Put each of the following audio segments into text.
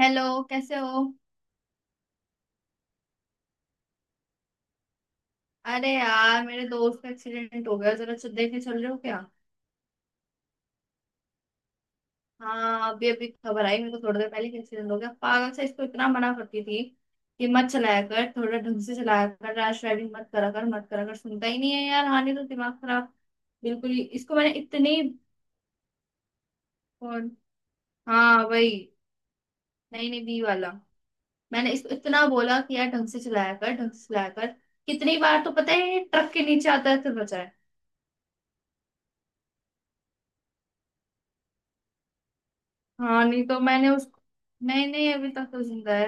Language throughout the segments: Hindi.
हेलो। कैसे हो? अरे यार, मेरे दोस्त का एक्सीडेंट हो गया। जरा देखने चल रहे हो क्या? हाँ, अभी अभी खबर आई मेरे को थोड़ी देर पहले कि एक्सीडेंट हो गया। पागल से, इसको इतना मना करती थी कि मत चलाया कर, थोड़ा ढंग से चलाया कर, रैश ड्राइविंग मत करा कर, मत करा कर, सुनता ही नहीं है यार। हाँ, नहीं तो दिमाग खराब बिल्कुल ही। इसको मैंने इतनी… कौन? हाँ वही। नहीं नहीं, बी वाला। मैंने इसको इतना बोला कि यार, ढंग से चलाया कर, ढंग से चलाया कर। कितनी बार तो पता है, ये ट्रक के नीचे आता है तो बचा है। हाँ, नहीं तो मैंने उसको… नहीं नहीं, अभी तक तो जिंदा है।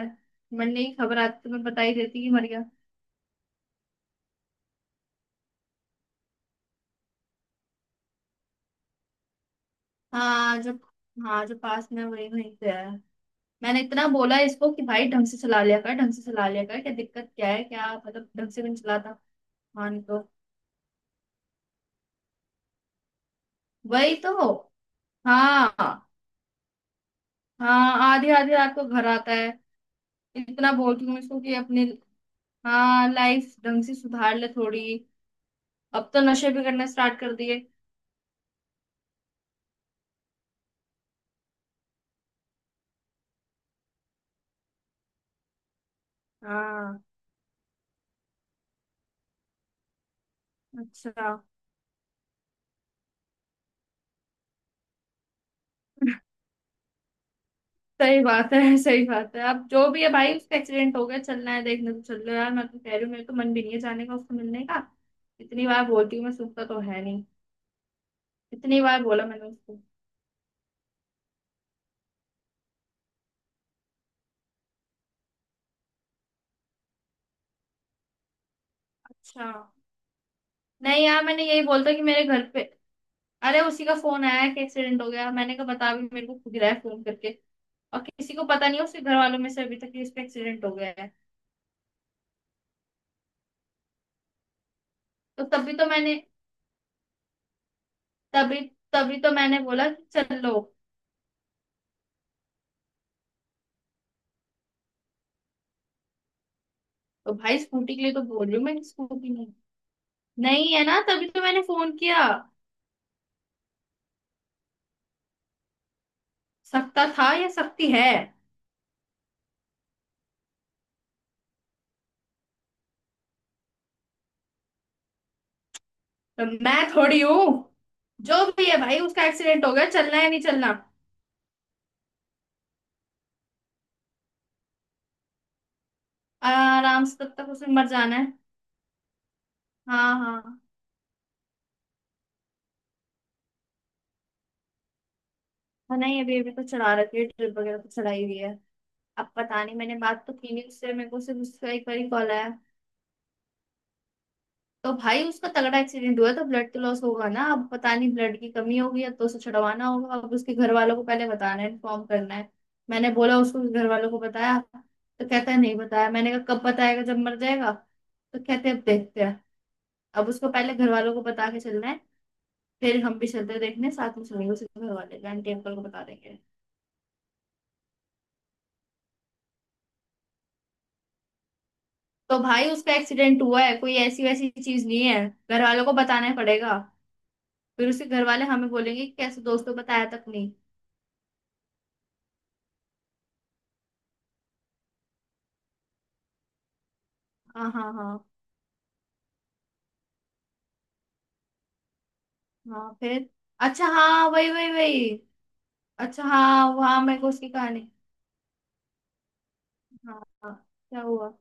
मैंने… नहीं खबर आती तो मैं बता ही देती कि मर गया। हाँ जो हाँ जो पास में है, वही वहीं पे है। मैंने इतना बोला इसको कि भाई, ढंग से चला लिया कर, ढंग से चला लिया कर, क्या दिक्कत क्या है, क्या मतलब, ढंग से भी नहीं चलाता। हाँ, नहीं तो। वही तो। हाँ हाँ, आधी आधी रात को घर आता है। इतना बोलती हूँ इसको कि अपनी… हाँ, लाइफ ढंग से सुधार ले थोड़ी। अब तो नशे भी करना स्टार्ट कर दिए। हाँ। अच्छा। सही बात है, सही बात है। अब जो भी है भाई, उसका एक्सीडेंट हो गया, चलना है, देखने तो चल लो यार। मैं तो कह रही हूँ, मेरे तो मन भी नहीं है जाने का, उसको मिलने का। इतनी बार बोलती हूँ, मैं सुनता तो है नहीं। इतनी बार बोला मैंने उसको। अच्छा। नहीं यार, मैंने यही बोलता कि मेरे घर पे… अरे, उसी का फोन आया कि एक्सीडेंट हो गया। मैंने कहा बता भी मेरे को खुद ही रहा है फोन करके। और किसी को पता नहीं है उसके घर वालों में से अभी तक कि इसका एक्सीडेंट हो गया है। तो तभी तो मैंने तभी तभी तो मैंने बोला कि चलो। तो भाई, स्कूटी के लिए तो बोल रही हूँ मैं, स्कूटी नहीं, नहीं है ना, तभी तो मैंने फोन किया। सकता था या सकती है? तो मैं थोड़ी हूँ। जो भी है भाई, उसका एक्सीडेंट हो गया, चलना है नहीं चलना? आराम से तब तक उसे मर जाना है। हाँ हाँ। हाँ, नहीं, अभी अभी तो चढ़ा रखी है, ड्रिप वगैरह तो चढ़ाई हुई है। अब पता नहीं, मैंने बात तो की नहीं उससे, मेरे को सिर्फ उसका एक बार ही कॉल आया। तो भाई उसका तगड़ा एक्सीडेंट हुआ है, तो ब्लड तो लॉस होगा ना, अब पता नहीं ब्लड की कमी होगी, या तो उसे छुड़वाना होगा। अब उसके घर वालों को पहले बताना है, इन्फॉर्म करना है। मैंने बोला उसको, घर वालों को बताया? तो कहता है नहीं बताया। मैंने कहा कब बताएगा, जब मर जाएगा? तो कहते हैं अब देखते हैं। अब उसको पहले घर वालों को बता के चलना है। फिर हम भी चलते हैं देखने, साथ में चलेंगे, उसके घर वाले आंटी अंकल को बता देंगे। तो भाई उसका एक्सीडेंट हुआ है, कोई ऐसी वैसी चीज नहीं है। घर वालों को बताना पड़ेगा। फिर उसके घर वाले हमें बोलेंगे कि कैसे दोस्तों, बताया तक नहीं। हाँ हाँ हाँ। हाँ, फिर? अच्छा, हाँ वही वही वही। अच्छा हाँ, वहाँ मेरे को उसकी कहानी… हाँ हाँ। क्या हुआ?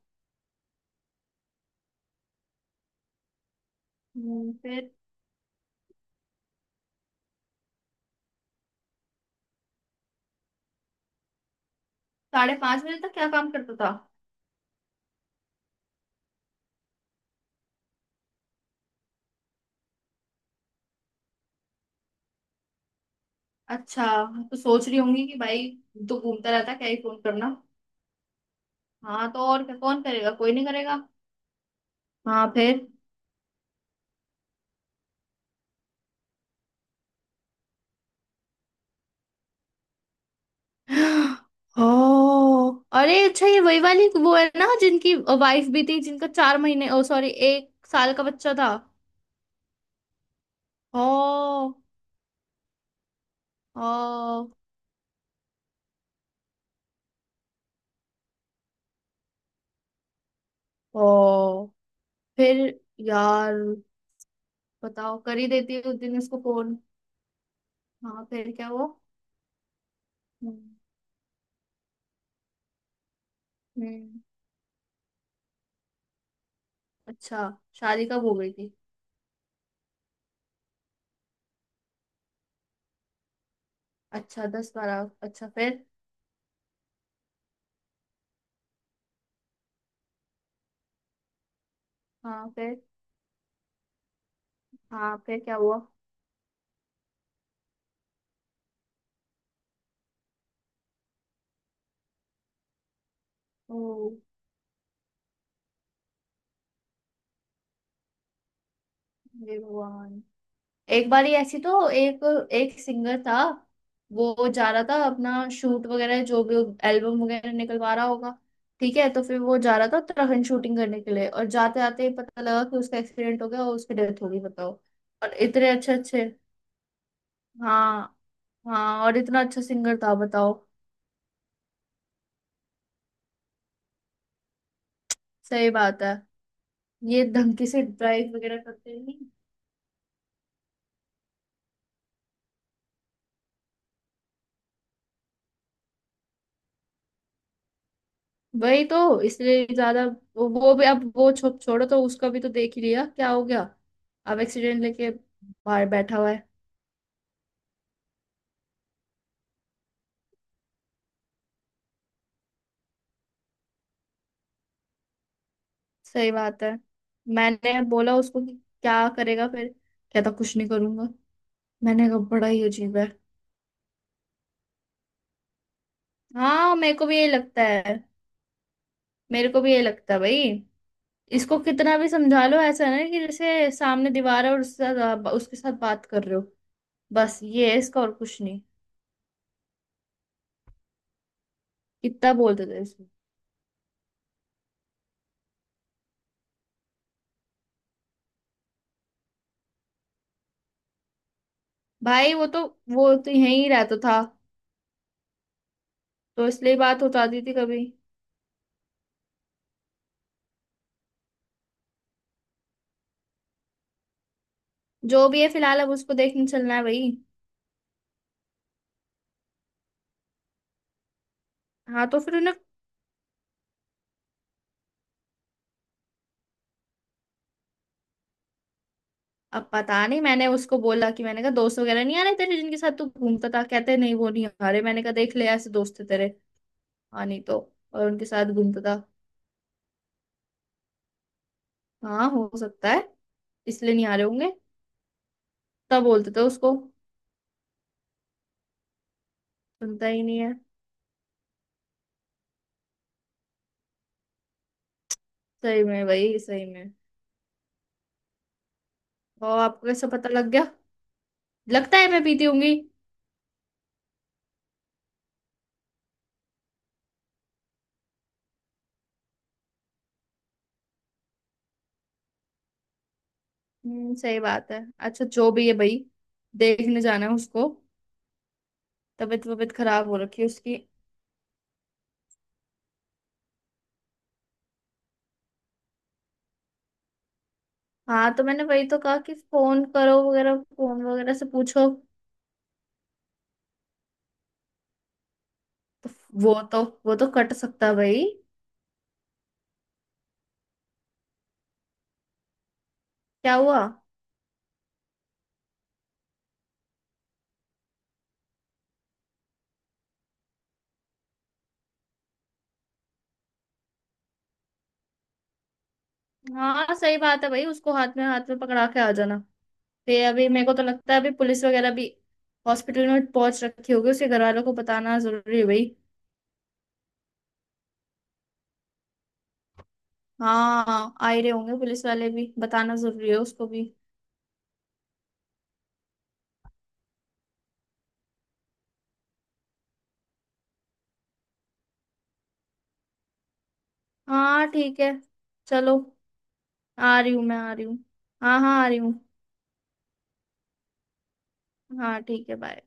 फिर? 5:30 बजे तक क्या काम करता था? अच्छा। तो सोच रही होंगी कि भाई, तो घूमता रहता है, क्या ही फोन करना। हाँ, तो और क्या, कौन करेगा, कोई नहीं करेगा। हाँ, फिर? ओ। अरे अच्छा, ये वही वाली वो है ना, जिनकी वाइफ भी थी, जिनका 4 महीने, ओ सॉरी, 1 साल का बच्चा था। ओ। ओ। ओ फिर यार, बताओ, कर ही देती है उस दिन इसको फोन। हाँ फिर क्या वो… हम्म। हम्म। अच्छा। शादी कब हो गई थी? अच्छा, 10 12। अच्छा फिर? हाँ, फिर? हाँ, फिर क्या हुआ? ओ। हे भगवान। एक बार ही ऐसी… तो एक एक सिंगर था, वो जा रहा था अपना शूट वगैरह, जो भी, एल्बम वगैरह निकलवा रहा होगा। ठीक है, तो फिर वो जा रहा था उत्तराखंड शूटिंग करने के लिए, और जाते जाते पता लगा कि उसका एक्सीडेंट हो गया और उसकी डेथ हो गई, बताओ। और इतने अच्छे अच्छे… हाँ हाँ, और इतना अच्छा सिंगर था, बताओ। सही बात है। ये ढंग से ड्राइव वगैरह करते नहीं। वही तो, इसलिए ज्यादा। वो भी, अब वो छोड़ो, तो उसका भी तो देख ही लिया क्या हो गया। अब एक्सीडेंट लेके बाहर बैठा हुआ है। सही बात है। मैंने बोला उसको कि क्या करेगा फिर? कहता कुछ नहीं करूंगा। मैंने कहा बड़ा ही अजीब है। हाँ, मेरे को भी यही लगता है। मेरे को भी यही लगता है भाई। इसको कितना भी समझा लो, ऐसा है ना, कि जैसे सामने दीवार है और उसके साथ बात कर रहे हो। बस ये है इसका, और कुछ नहीं। कितना बोलते थे इसको। भाई वो तो यहीं ही रहता था, तो इसलिए बात हो जाती थी कभी। जो भी है फिलहाल, अब उसको देखने चलना है भाई। हाँ, तो फिर उन्हें… अब पता नहीं, मैंने उसको बोला कि… मैंने कहा दोस्त वगैरह नहीं आ रहे तेरे, जिनके साथ तू घूमता था, कहते नहीं, वो नहीं आ रहे। मैंने कहा देख ले, ऐसे दोस्त थे तेरे। हाँ, नहीं तो। और उनके साथ घूमता था। हाँ, हो सकता है, इसलिए नहीं आ रहे होंगे। तब बोलते थे उसको, सुनता ही नहीं है। सही में भाई, सही में। और आपको कैसे पता लग गया? लगता है मैं पीती होंगी? हम्म, सही बात है। अच्छा, जो भी है भाई, देखने जाना है उसको, तबीयत वबीयत खराब हो रखी है उसकी। हाँ, तो मैंने वही तो कहा कि फोन करो वगैरह, फोन वगैरह से पूछो। तो वो तो कट सकता है भाई। क्या हुआ? हाँ, सही बात है भाई, उसको हाथ में पकड़ा के आ जाना। फिर अभी मेरे को तो लगता है अभी पुलिस वगैरह भी हॉस्पिटल में पहुंच रखी होगी, उसके घर वालों को बताना जरूरी है भाई। हाँ, आ ही रहे होंगे पुलिस वाले भी, बताना जरूरी है उसको भी। हाँ ठीक है। चलो। आ रही हूँ, मैं आ रही हूँ। हाँ हाँ, आ रही हूँ। हाँ ठीक है, बाय।